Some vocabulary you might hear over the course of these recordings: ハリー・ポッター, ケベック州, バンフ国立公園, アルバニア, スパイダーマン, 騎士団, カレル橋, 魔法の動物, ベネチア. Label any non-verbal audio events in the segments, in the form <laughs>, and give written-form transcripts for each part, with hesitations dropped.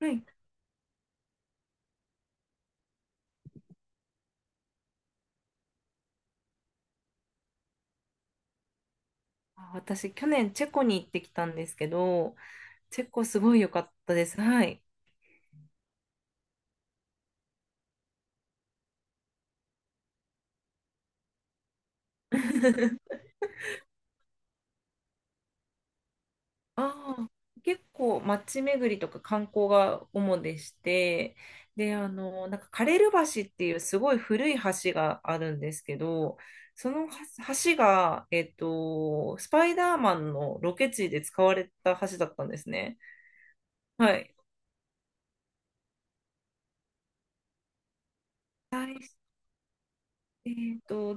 はい。あ、私、去年チェコに行ってきたんですけど、チェコすごい良かったです。はい。<laughs> ああ、結構街巡りとか観光が主でして、で、あの、なんかカレル橋っていうすごい古い橋があるんですけど、その橋が、スパイダーマンのロケ地で使われた橋だったんですね。はい。対しえっと、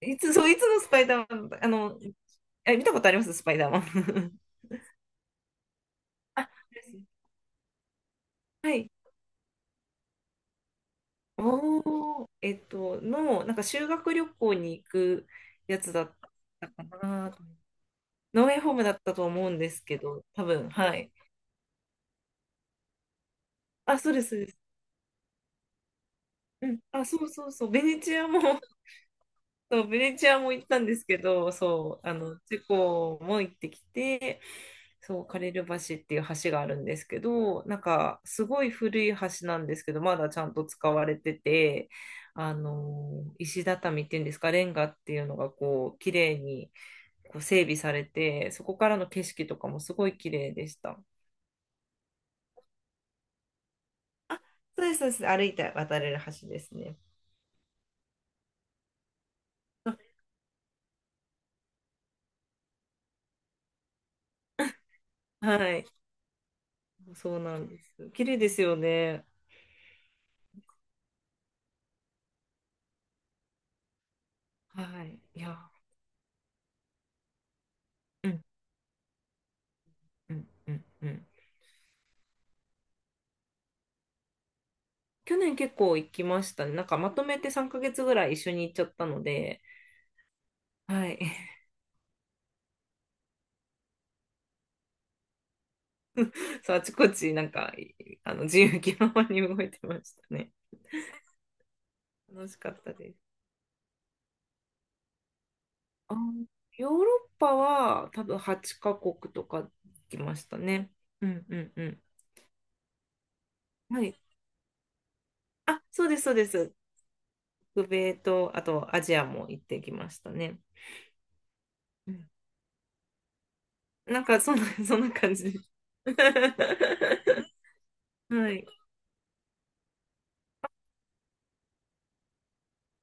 そう、いつのスパイダーマン、あの、え、見たことありますスパイダーマン？<laughs> あですねはい。おー、なんか修学旅行に行くやつだったかな。ノ園ホームだったと思うんですけど、多分、はい。あ、そうです、そうです。うん。あ、そうそうそう。ベネチアも、<laughs> そう、ベネチアも行ったんですけど、そう、あの、チェコも行ってきて、そう、カレル橋っていう橋があるんですけど、なんかすごい古い橋なんですけど、まだちゃんと使われてて、あの石畳っていうんですか、レンガっていうのがこう、綺麗にこう整備されて、そこからの景色とかもすごい綺麗でした。そうです、そうです。歩いて渡れる橋ですね。<laughs> はい、そうなんです。綺麗ですよね。はい、いや、うんうんうんうん。去年結構行きましたね。なんかまとめて3ヶ月ぐらい一緒に行っちゃったので、はい。<laughs> そう、あちこち、なんか、あの、自由気ままに動いてましたね。<laughs> 楽しかったです。あ、ヨーロッパは多分8カ国とか行きましたね。うんうんうん。はい。あ、そうです、そうです。北米と、あとアジアも行ってきましたね。うん。なんか、そんな感じです。<laughs> はい。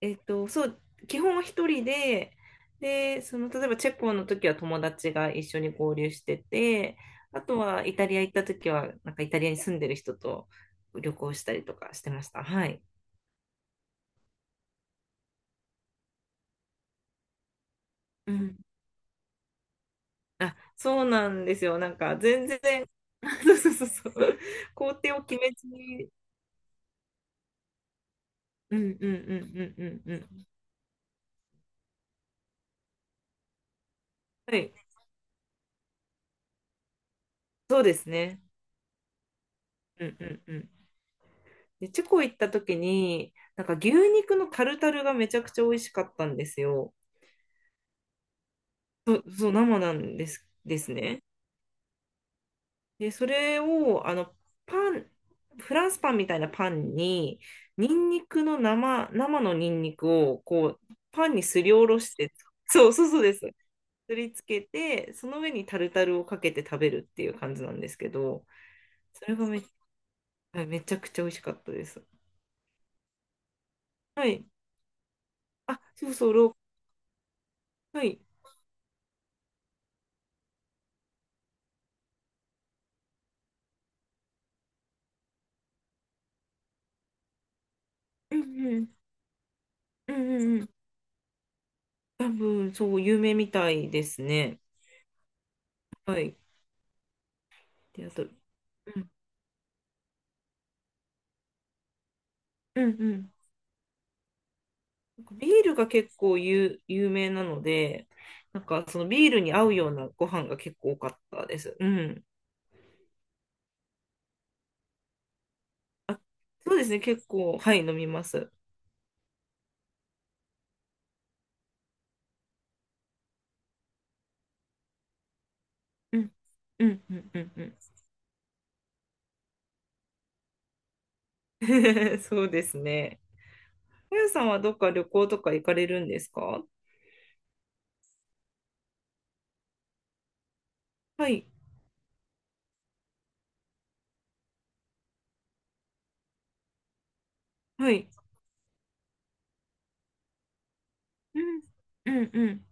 そう、基本は一人で、で、その、例えばチェコの時は友達が一緒に合流してて、あとはイタリア行った時は、なんかイタリアに住んでる人と旅行したりとかしてました。はい。うん。あ、そうなんですよ。なんか全然、<laughs> そうそうそうそう。工程を決めずに、うんうんうんうんうんうん。はい、そうですね。うんうんうん。で、チェコ行った時に、なんか牛肉のタルタルがめちゃくちゃ美味しかったんですよ。そう、そう、生なんです、ですね。で、それを、あの、パン、フランスパンみたいなパンに、ニンニクの生、生のニンニクを、こう、パンにすりおろして、そうそうそうです。すりつけて、その上にタルタルをかけて食べるっていう感じなんですけど、それがめ、はい、めちゃくちゃ美味しかったです。はい。あ、そうそう、はい。うんうん、うんうんうん。多分、そう、有名みたいですね。はい。で、あと、うん、うんうん。ビールが結構有名なので、なんかそのビールに合うようなご飯が結構多かったです。うん。あ、そうですね、結構、はい、飲みます。うん、うん、うん、うん、うん。<laughs> そうですね。あやさんはどっか旅行とか行かれるんですか？はい、はい。うん、うん、うん。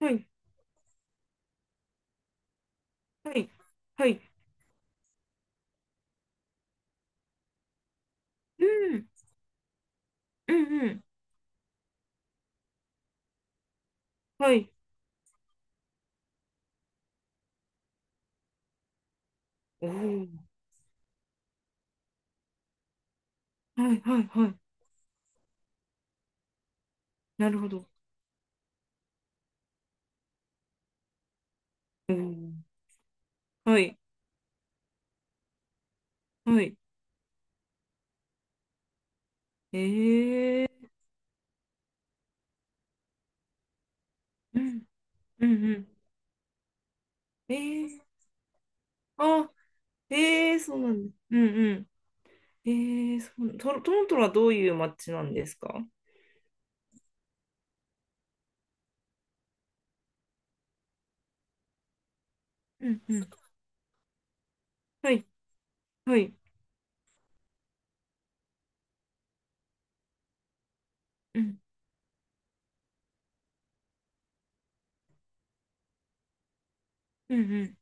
はい、はい、はい。うん、うん、うん。はい。おー。はい、はい、はい。なるほど。おー。はい、はい。えー。うん、うん、うん。えー、あ、えー、そうなんだ。うんうん。えー、そうトロントはどういう街なんですか？うんうん。はい、はい。うん、うん、うん。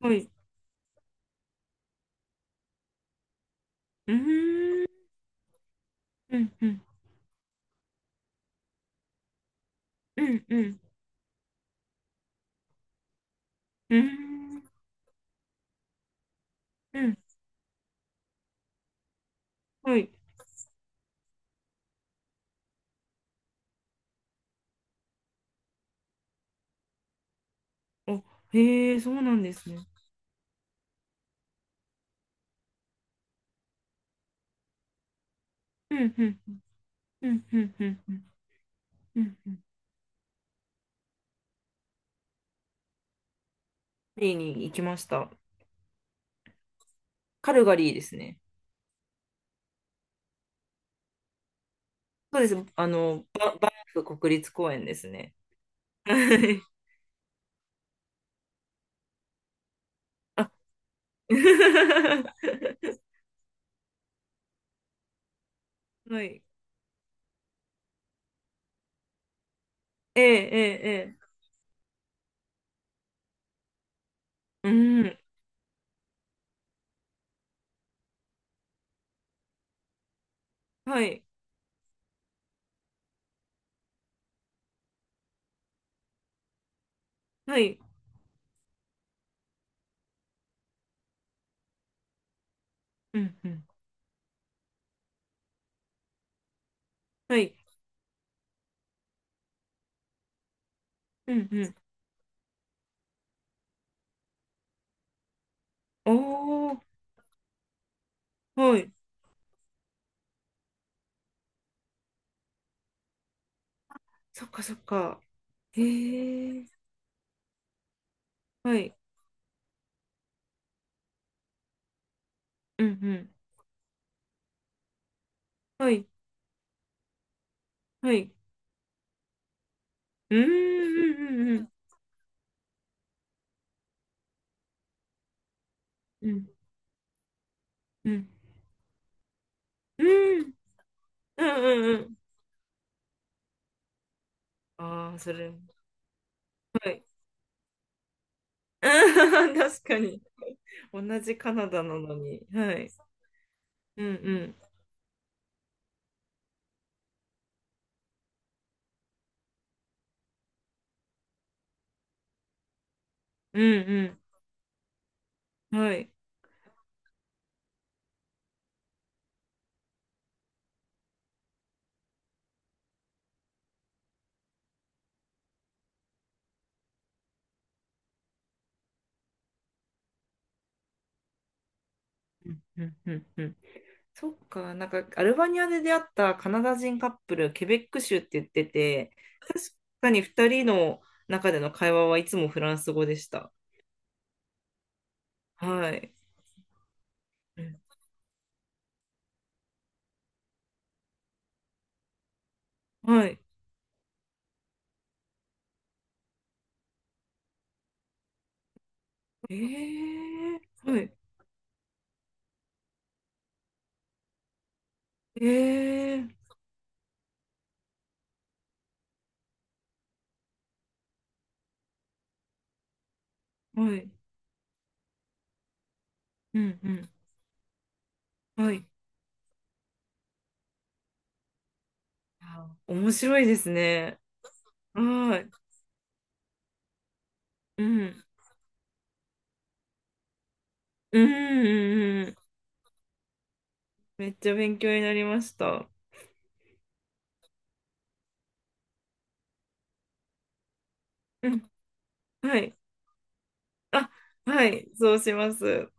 はい。うーん、うん、うん、うん、うん、うん、うん。はい。あ、へえ、そうなんですね。うん、うん、うん、うん、うん、うん、うん。うん、カルガリーに行きました。カルガリーですね。そうです。あの、バンフ国立公園ですね。はい、あ。 <laughs> はい。ええ、ええ、ええ。うん。はい。はい。うん、うん。はい。うん、うん。おー。はい。そっか、そっか。へえ。はい。うん、うん。はい。はい。うん、うん、うん、うん。うん、うん。うん、うん、うん。うん、ああー、それ。はい。あー、確かに。同じカナダなのに。はい。うん、うん。うん、うん。はい。うん、うん、うん、うん。そっか、なんかアルバニアで出会ったカナダ人カップル、ケベック州って言ってて、確かに2人の中での会話はいつもフランス語でした。はい。うん、はい。えー、はい。えー、はい。うんうん。はい。あ、面白いですね。はい。うん。うんうんうん。めっちゃ勉強になりました。うん。はい。あ、はい。そうします。